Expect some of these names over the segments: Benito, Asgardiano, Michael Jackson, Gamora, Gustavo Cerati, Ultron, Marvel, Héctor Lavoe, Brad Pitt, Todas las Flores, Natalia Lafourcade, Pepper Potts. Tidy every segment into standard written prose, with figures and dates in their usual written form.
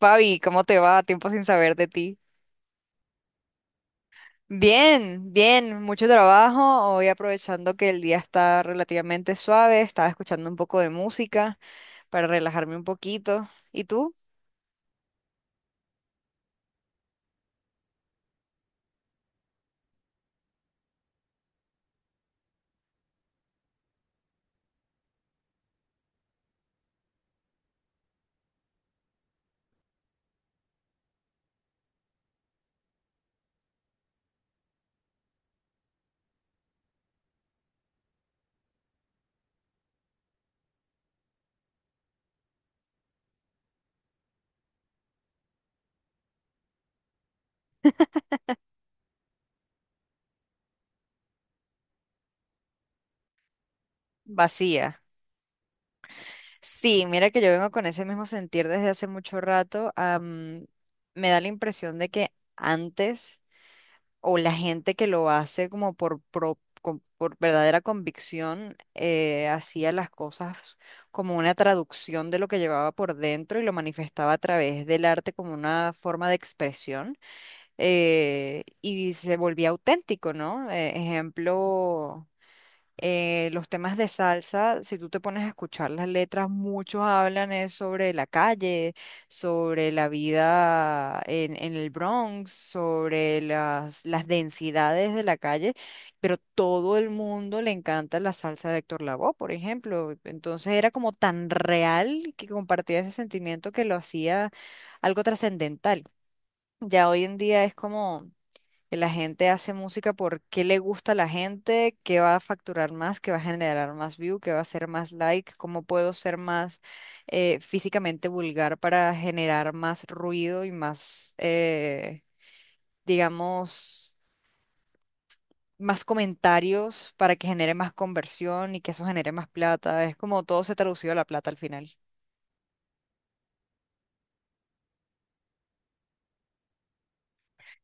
Fabi, ¿cómo te va? Tiempo sin saber de ti. Bien, bien, mucho trabajo. Hoy aprovechando que el día está relativamente suave, estaba escuchando un poco de música para relajarme un poquito. ¿Y tú? Vacía. Sí, mira que yo vengo con ese mismo sentir desde hace mucho rato. Me da la impresión de que antes o la gente que lo hace como por verdadera convicción, hacía las cosas como una traducción de lo que llevaba por dentro y lo manifestaba a través del arte como una forma de expresión y se volvía auténtico, ¿no? Ejemplo los temas de salsa, si tú te pones a escuchar las letras, muchos hablan es sobre la calle, sobre la vida en el Bronx, sobre las densidades de la calle, pero todo el mundo le encanta la salsa de Héctor Lavoe, por ejemplo. Entonces era como tan real que compartía ese sentimiento que lo hacía algo trascendental. Ya hoy en día es como que la gente hace música porque le gusta a la gente, qué va a facturar más, qué va a generar más view, qué va a ser más like, cómo puedo ser más físicamente vulgar para generar más ruido y más, digamos, más comentarios para que genere más conversión y que eso genere más plata. Es como todo se traducido a la plata al final.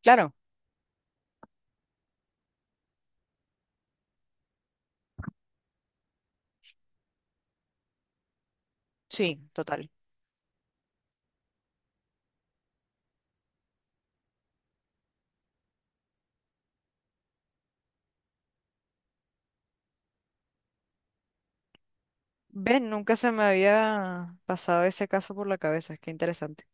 Claro, sí, total. Ven, nunca se me había pasado ese caso por la cabeza, qué interesante.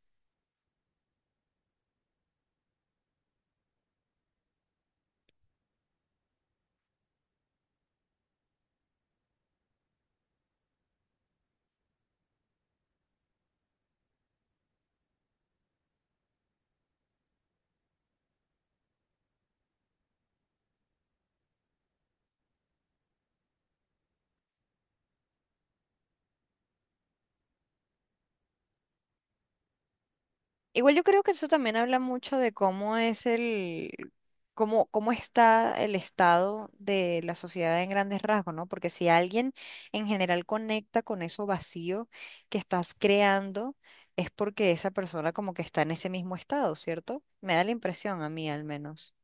Igual yo creo que eso también habla mucho de cómo es cómo está el estado de la sociedad en grandes rasgos, ¿no? Porque si alguien en general conecta con eso vacío que estás creando, es porque esa persona como que está en ese mismo estado, ¿cierto? Me da la impresión a mí al menos.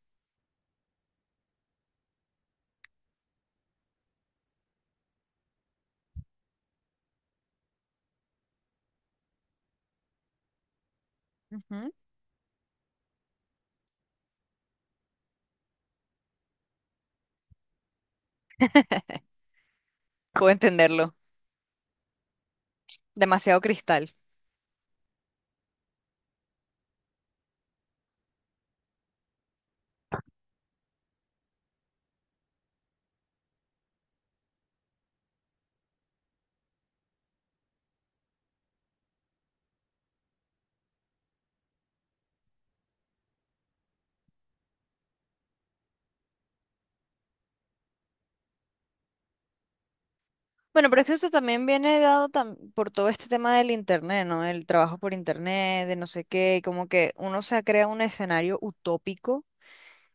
Ujú. Puedo entenderlo. Demasiado cristal. Bueno, pero es que esto también viene dado por todo este tema del internet, ¿no? El trabajo por internet, de no sé qué, y como que uno se crea un escenario utópico.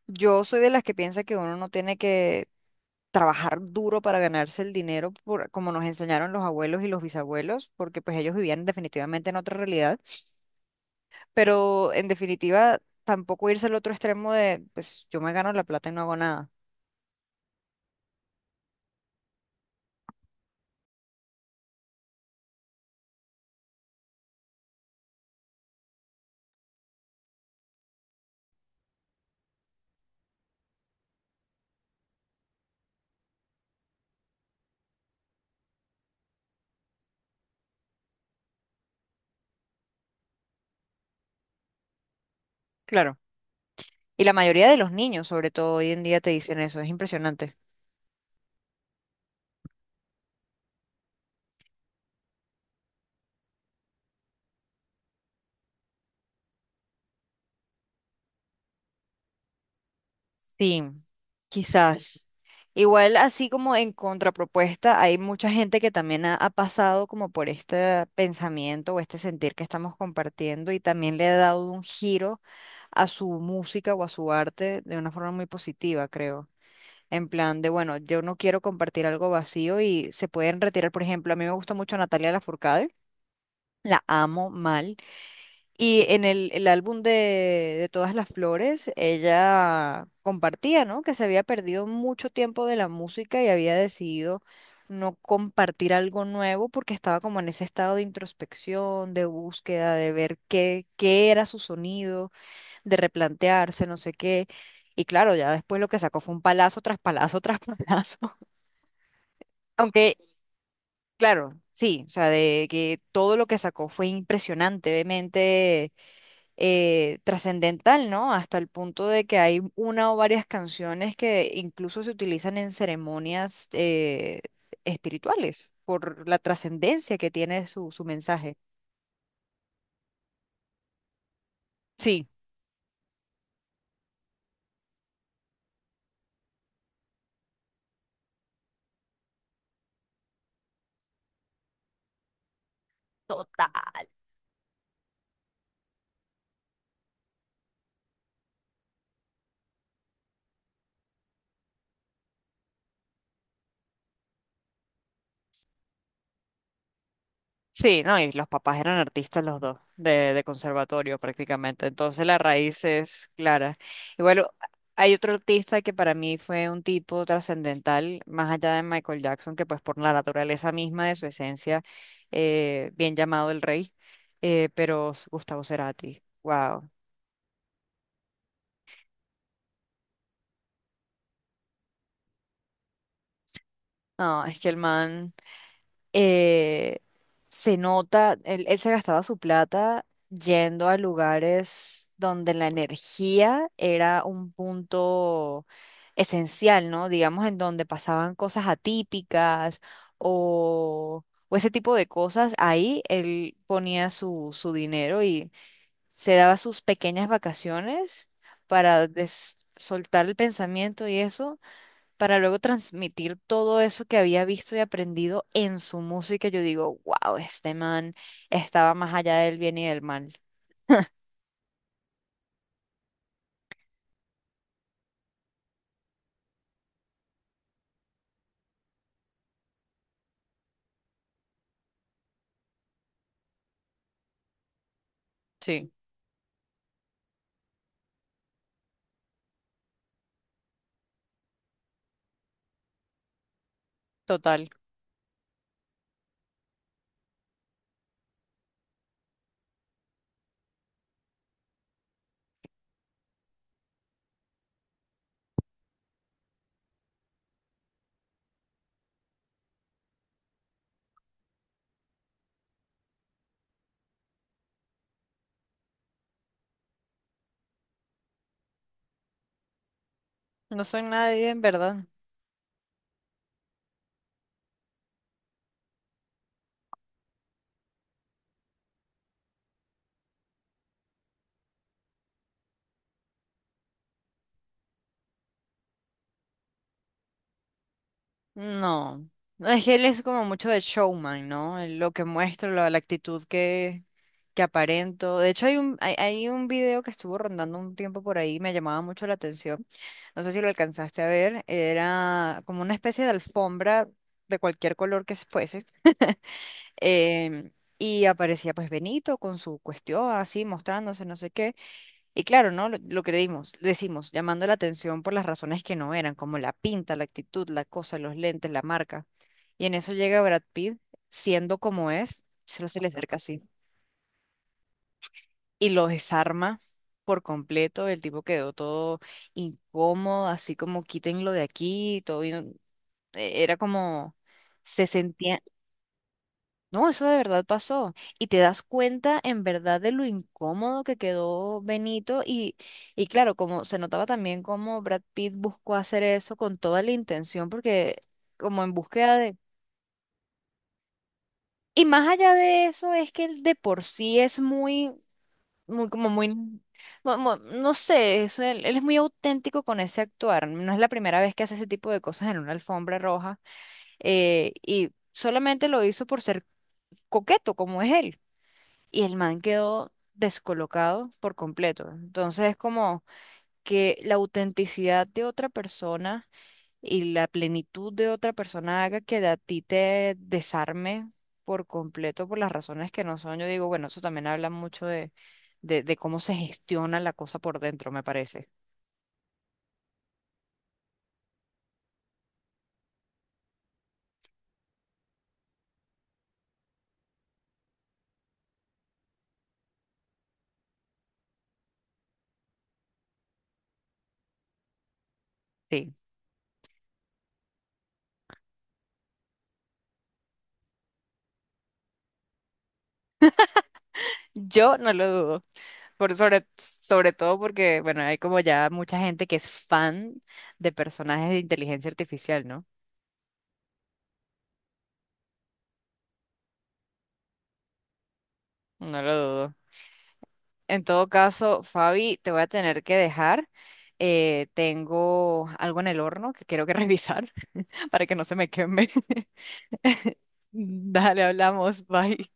Yo soy de las que piensa que uno no tiene que trabajar duro para ganarse el dinero, por, como nos enseñaron los abuelos y los bisabuelos, porque pues ellos vivían definitivamente en otra realidad, pero en definitiva tampoco irse al otro extremo de, pues yo me gano la plata y no hago nada. Claro. Y la mayoría de los niños, sobre todo hoy en día, te dicen eso, es impresionante. Sí, quizás. Igual, así como en contrapropuesta, hay mucha gente que también ha pasado como por este pensamiento o este sentir que estamos compartiendo y también le ha dado un giro a su música o a su arte de una forma muy positiva, creo. En plan de, bueno, yo no quiero compartir algo vacío y se pueden retirar, por ejemplo, a mí me gusta mucho Natalia Lafourcade, la amo mal. Y en el álbum de Todas las Flores, ella compartía, ¿no? Que se había perdido mucho tiempo de la música y había decidido no compartir algo nuevo porque estaba como en ese estado de introspección, de búsqueda, de ver qué era su sonido, de replantearse, no sé qué. Y claro, ya después lo que sacó fue un palazo tras palazo tras palazo. Aunque, claro, sí, o sea, de que todo lo que sacó fue impresionantemente trascendental, ¿no? Hasta el punto de que hay una o varias canciones que incluso se utilizan en ceremonias espirituales por la trascendencia que tiene su mensaje. Sí, sí, no, y los papás eran artistas los dos, de conservatorio prácticamente. Entonces la raíz es clara. Y bueno hay otro artista que para mí fue un tipo trascendental, más allá de Michael Jackson, que pues por la naturaleza misma de su esencia, bien llamado el rey, pero Gustavo Cerati. Wow. No, es que el man. eh, Se nota, él se gastaba su plata yendo a lugares donde la energía era un punto esencial, ¿no? Digamos, en donde pasaban cosas atípicas o, o ese tipo de cosas. Ahí él ponía su dinero y se daba sus pequeñas vacaciones para soltar el pensamiento y eso para luego transmitir todo eso que había visto y aprendido en su música. Yo digo, wow, este man estaba más allá del bien y del mal. Sí, total. No soy nadie, en verdad. No, es que él es como mucho de showman, ¿no? Lo que muestro, la actitud que aparento. De hecho, hay un video que estuvo rondando un tiempo por ahí, me llamaba mucho la atención. No sé si lo alcanzaste a ver. Era como una especie de alfombra de cualquier color que fuese. em, y aparecía pues Benito con su cuestión así, mostrándose no sé qué. Y claro, ¿no? Lo que decimos, llamando la atención por las razones que no eran, como la pinta, la actitud, la cosa, los lentes, la marca. Y en eso llega Brad Pitt, siendo como es, solo se le acerca así y lo desarma por completo. El tipo quedó todo incómodo, así como quítenlo de aquí, todo. Era como, se sentía. No, eso de verdad pasó. Y te das cuenta en verdad de lo incómodo que quedó Benito. Y claro, como se notaba también cómo Brad Pitt buscó hacer eso con toda la intención, porque como en búsqueda de... Y más allá de eso, es que él de por sí es muy, muy, como no sé, eso, él es muy auténtico con ese actuar. No es la primera vez que hace ese tipo de cosas en una alfombra roja. Y solamente lo hizo por ser coqueto, como es él. Y el man quedó descolocado por completo. Entonces es como que la autenticidad de otra persona y la plenitud de otra persona haga que a ti te desarme por completo por las razones que no son. Yo digo, bueno, eso también habla mucho de cómo se gestiona la cosa por dentro, me parece. Sí. Yo no lo dudo, por sobre todo porque, bueno, hay como ya mucha gente que es fan de personajes de inteligencia artificial, ¿no? No lo dudo. En todo caso, Fabi, te voy a tener que dejar. Tengo algo en el horno que quiero que revisar para que no se me queme. Dale, hablamos. Bye.